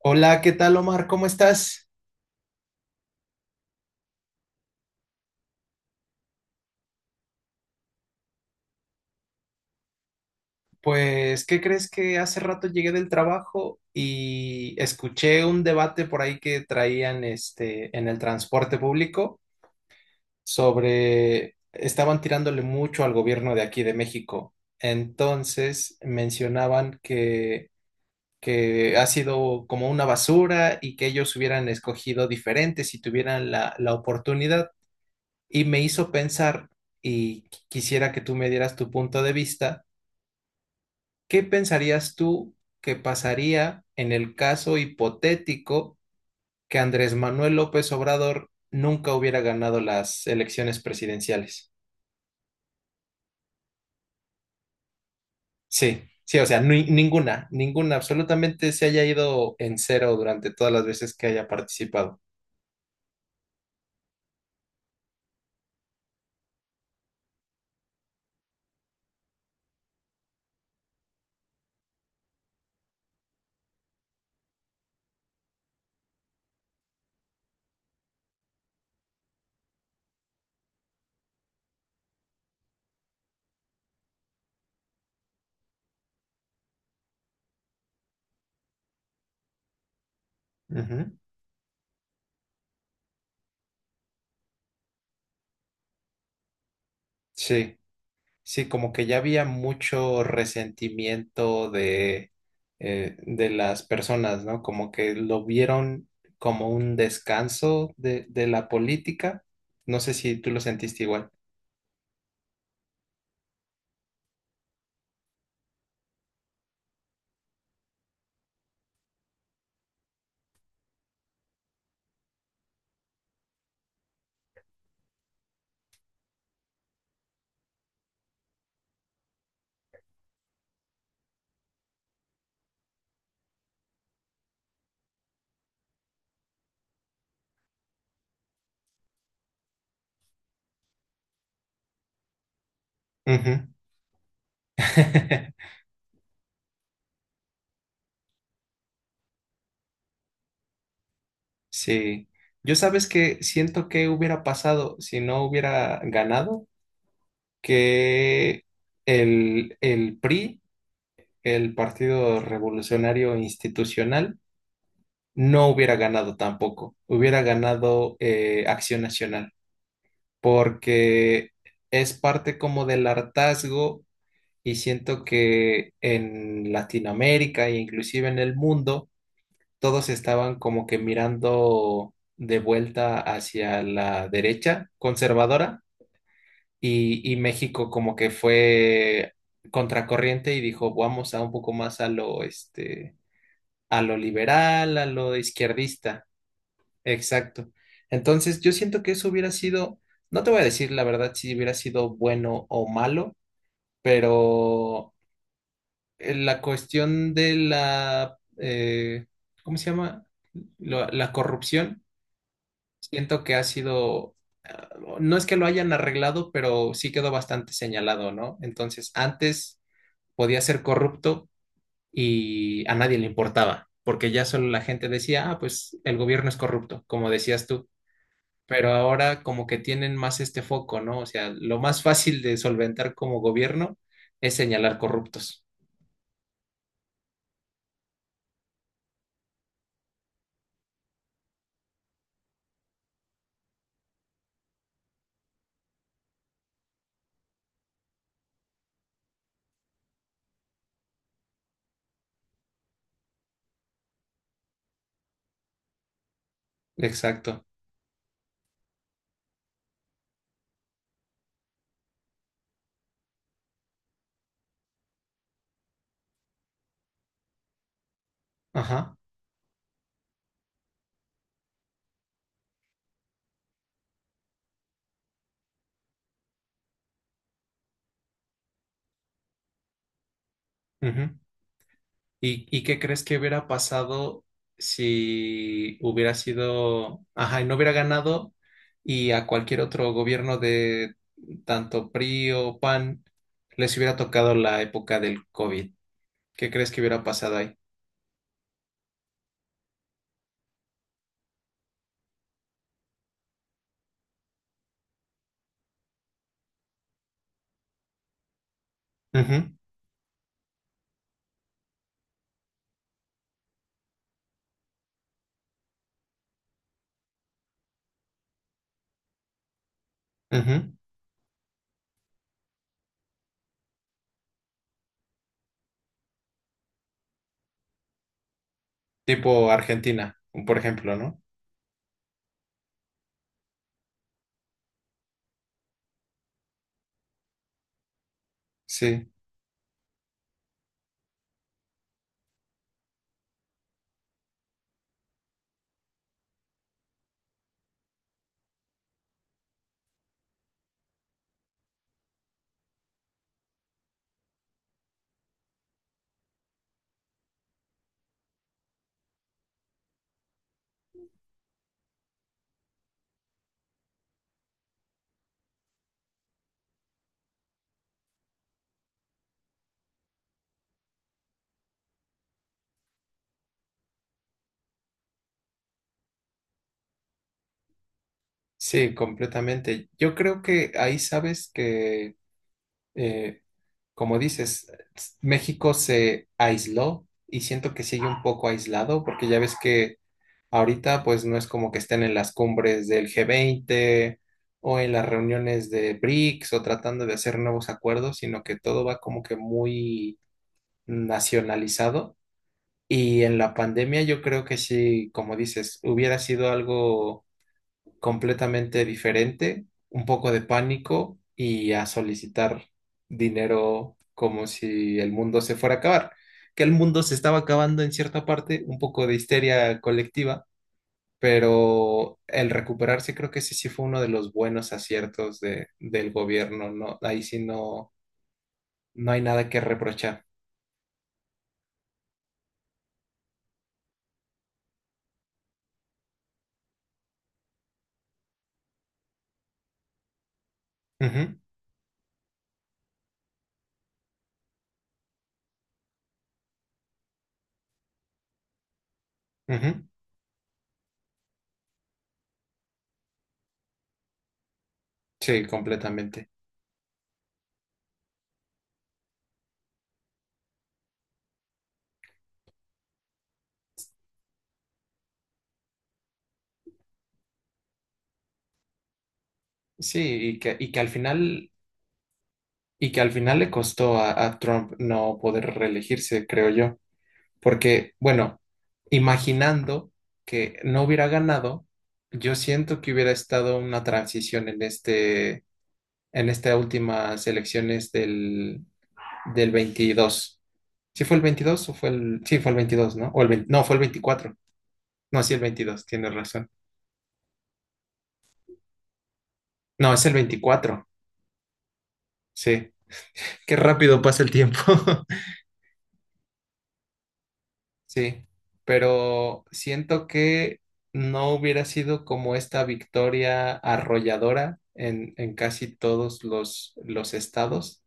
Hola, ¿qué tal, Omar? ¿Cómo estás? Pues, ¿qué crees? Que hace rato llegué del trabajo y escuché un debate por ahí que traían en el transporte público sobre, estaban tirándole mucho al gobierno de aquí de México. Entonces mencionaban que ha sido como una basura y que ellos hubieran escogido diferente si tuvieran la oportunidad. Y me hizo pensar, y quisiera que tú me dieras tu punto de vista. ¿Qué pensarías tú que pasaría en el caso hipotético que Andrés Manuel López Obrador nunca hubiera ganado las elecciones presidenciales? Sí, sí, o sea, ninguna, ninguna, absolutamente, se haya ido en cero durante todas las veces que haya participado. Ujú. Sí. Sí, como que ya había mucho resentimiento de las personas, ¿no? Como que lo vieron como un descanso de la política. No sé si tú lo sentiste igual. Ujú. Sí. Yo, sabes que siento que hubiera pasado si no hubiera ganado, que el PRI, el Partido Revolucionario Institucional, no hubiera ganado tampoco, hubiera ganado, Acción Nacional, porque es parte como del hartazgo, y siento que en Latinoamérica e inclusive en el mundo, todos estaban como que mirando de vuelta hacia la derecha conservadora, y México como que fue contracorriente y dijo, vamos a un poco más a lo, a lo liberal, a lo izquierdista. Exacto. Entonces, yo siento que eso hubiera sido, no te voy a decir la verdad si hubiera sido bueno o malo, pero en la cuestión de la, ¿cómo se llama? La corrupción, siento que ha sido, ah, no es que lo hayan arreglado, pero sí quedó bastante señalado, ¿no? Entonces, antes podía ser corrupto y a nadie le importaba, porque ya solo la gente decía, ah, pues el gobierno es corrupto, como decías tú. Pero ahora como que tienen más foco, ¿no? O sea, lo más fácil de solventar como gobierno es señalar corruptos. Exacto. Ajá. Ujú. Y qué crees que hubiera pasado si hubiera sido, ajá, y no hubiera ganado, y a cualquier otro gobierno de tanto PRI o PAN les hubiera tocado la época del COVID? ¿Qué crees que hubiera pasado ahí? Ujú, ujú. Tipo Argentina, por ejemplo, ¿no? Sí. Sí, completamente. Yo creo que ahí, sabes que, eh, como dices, México se aisló y siento que sigue un poco aislado porque ya ves que ahorita pues no es como que estén en las cumbres del G20 o en las reuniones de BRICS, o tratando de hacer nuevos acuerdos, sino que todo va como que muy nacionalizado. Y en la pandemia yo creo que sí, como dices, hubiera sido algo completamente diferente, un poco de pánico y a solicitar dinero como si el mundo se fuera a acabar. Que el mundo se estaba acabando en cierta parte, un poco de histeria colectiva, pero el recuperarse creo que ese sí fue uno de los buenos aciertos de, del gobierno, ¿no? Ahí sí no, no hay nada que reprochar. Ujú, ujú. Sí, completamente. Sí, y que al final... Y que al final le costó a Trump no poder reelegirse, creo yo. Porque, bueno, imaginando que no hubiera ganado, yo siento que hubiera estado una transición en este, en estas últimas elecciones del, del 22. ¿Sí fue el 22 o fue el...? Sí, fue el veintidós, ¿no? O el 20. No, fue el 24. No, sí, el veintidós, tienes razón. No, es el 24. Sí. Qué rápido pasa el tiempo. Sí, pero siento que no hubiera sido como esta victoria arrolladora en casi todos los estados.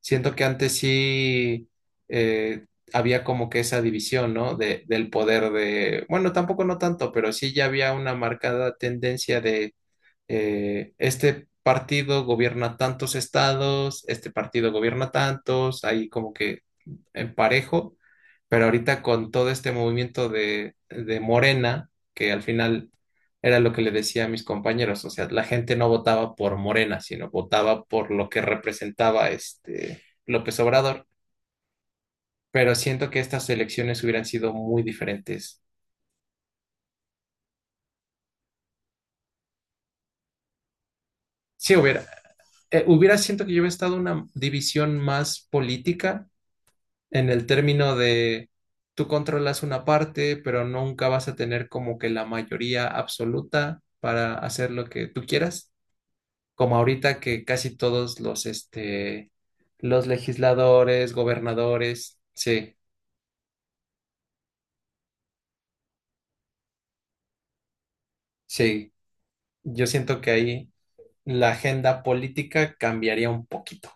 Siento que antes sí, eh, había como que esa división, ¿no? Del poder de, bueno, tampoco no tanto, pero sí ya había una marcada tendencia de, este partido gobierna tantos estados, este partido gobierna tantos, ahí como que en parejo, pero ahorita con todo este movimiento de Morena, que al final era lo que le decía a mis compañeros, o sea, la gente no votaba por Morena, sino votaba por lo que representaba López Obrador, pero siento que estas elecciones hubieran sido muy diferentes. Sí, hubiera, siento que yo hubiera estado una división más política en el término de, tú controlas una parte, pero nunca vas a tener como que la mayoría absoluta para hacer lo que tú quieras, como ahorita que casi todos los, los legisladores, gobernadores, sí, sí, yo siento que ahí la agenda política cambiaría un poquito.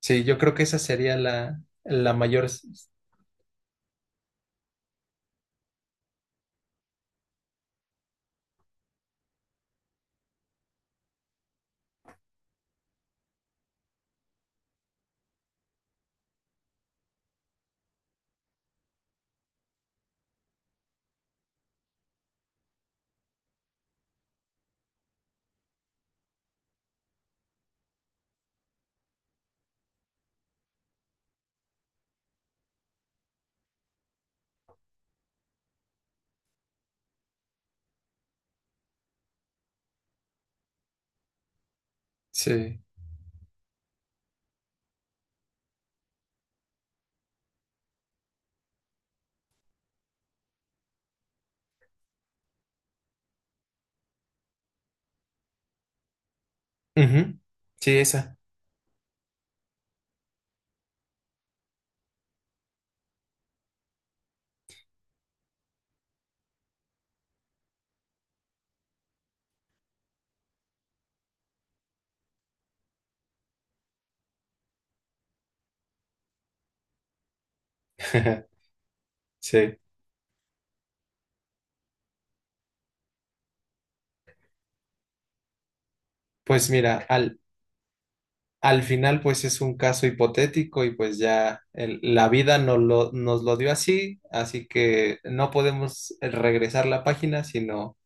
Sí, yo creo que esa sería la, la mayor, sí. Ujú. Sí, esa. Sí. Pues mira, al, al final pues es un caso hipotético y pues ya la vida nos lo dio así, así que no podemos regresar la página, sino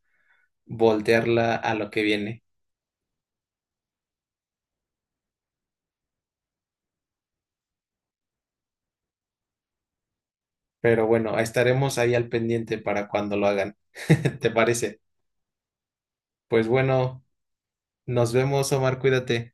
voltearla a lo que viene. Pero bueno, estaremos ahí al pendiente para cuando lo hagan. ¿Te parece? Pues bueno, nos vemos, Omar, cuídate.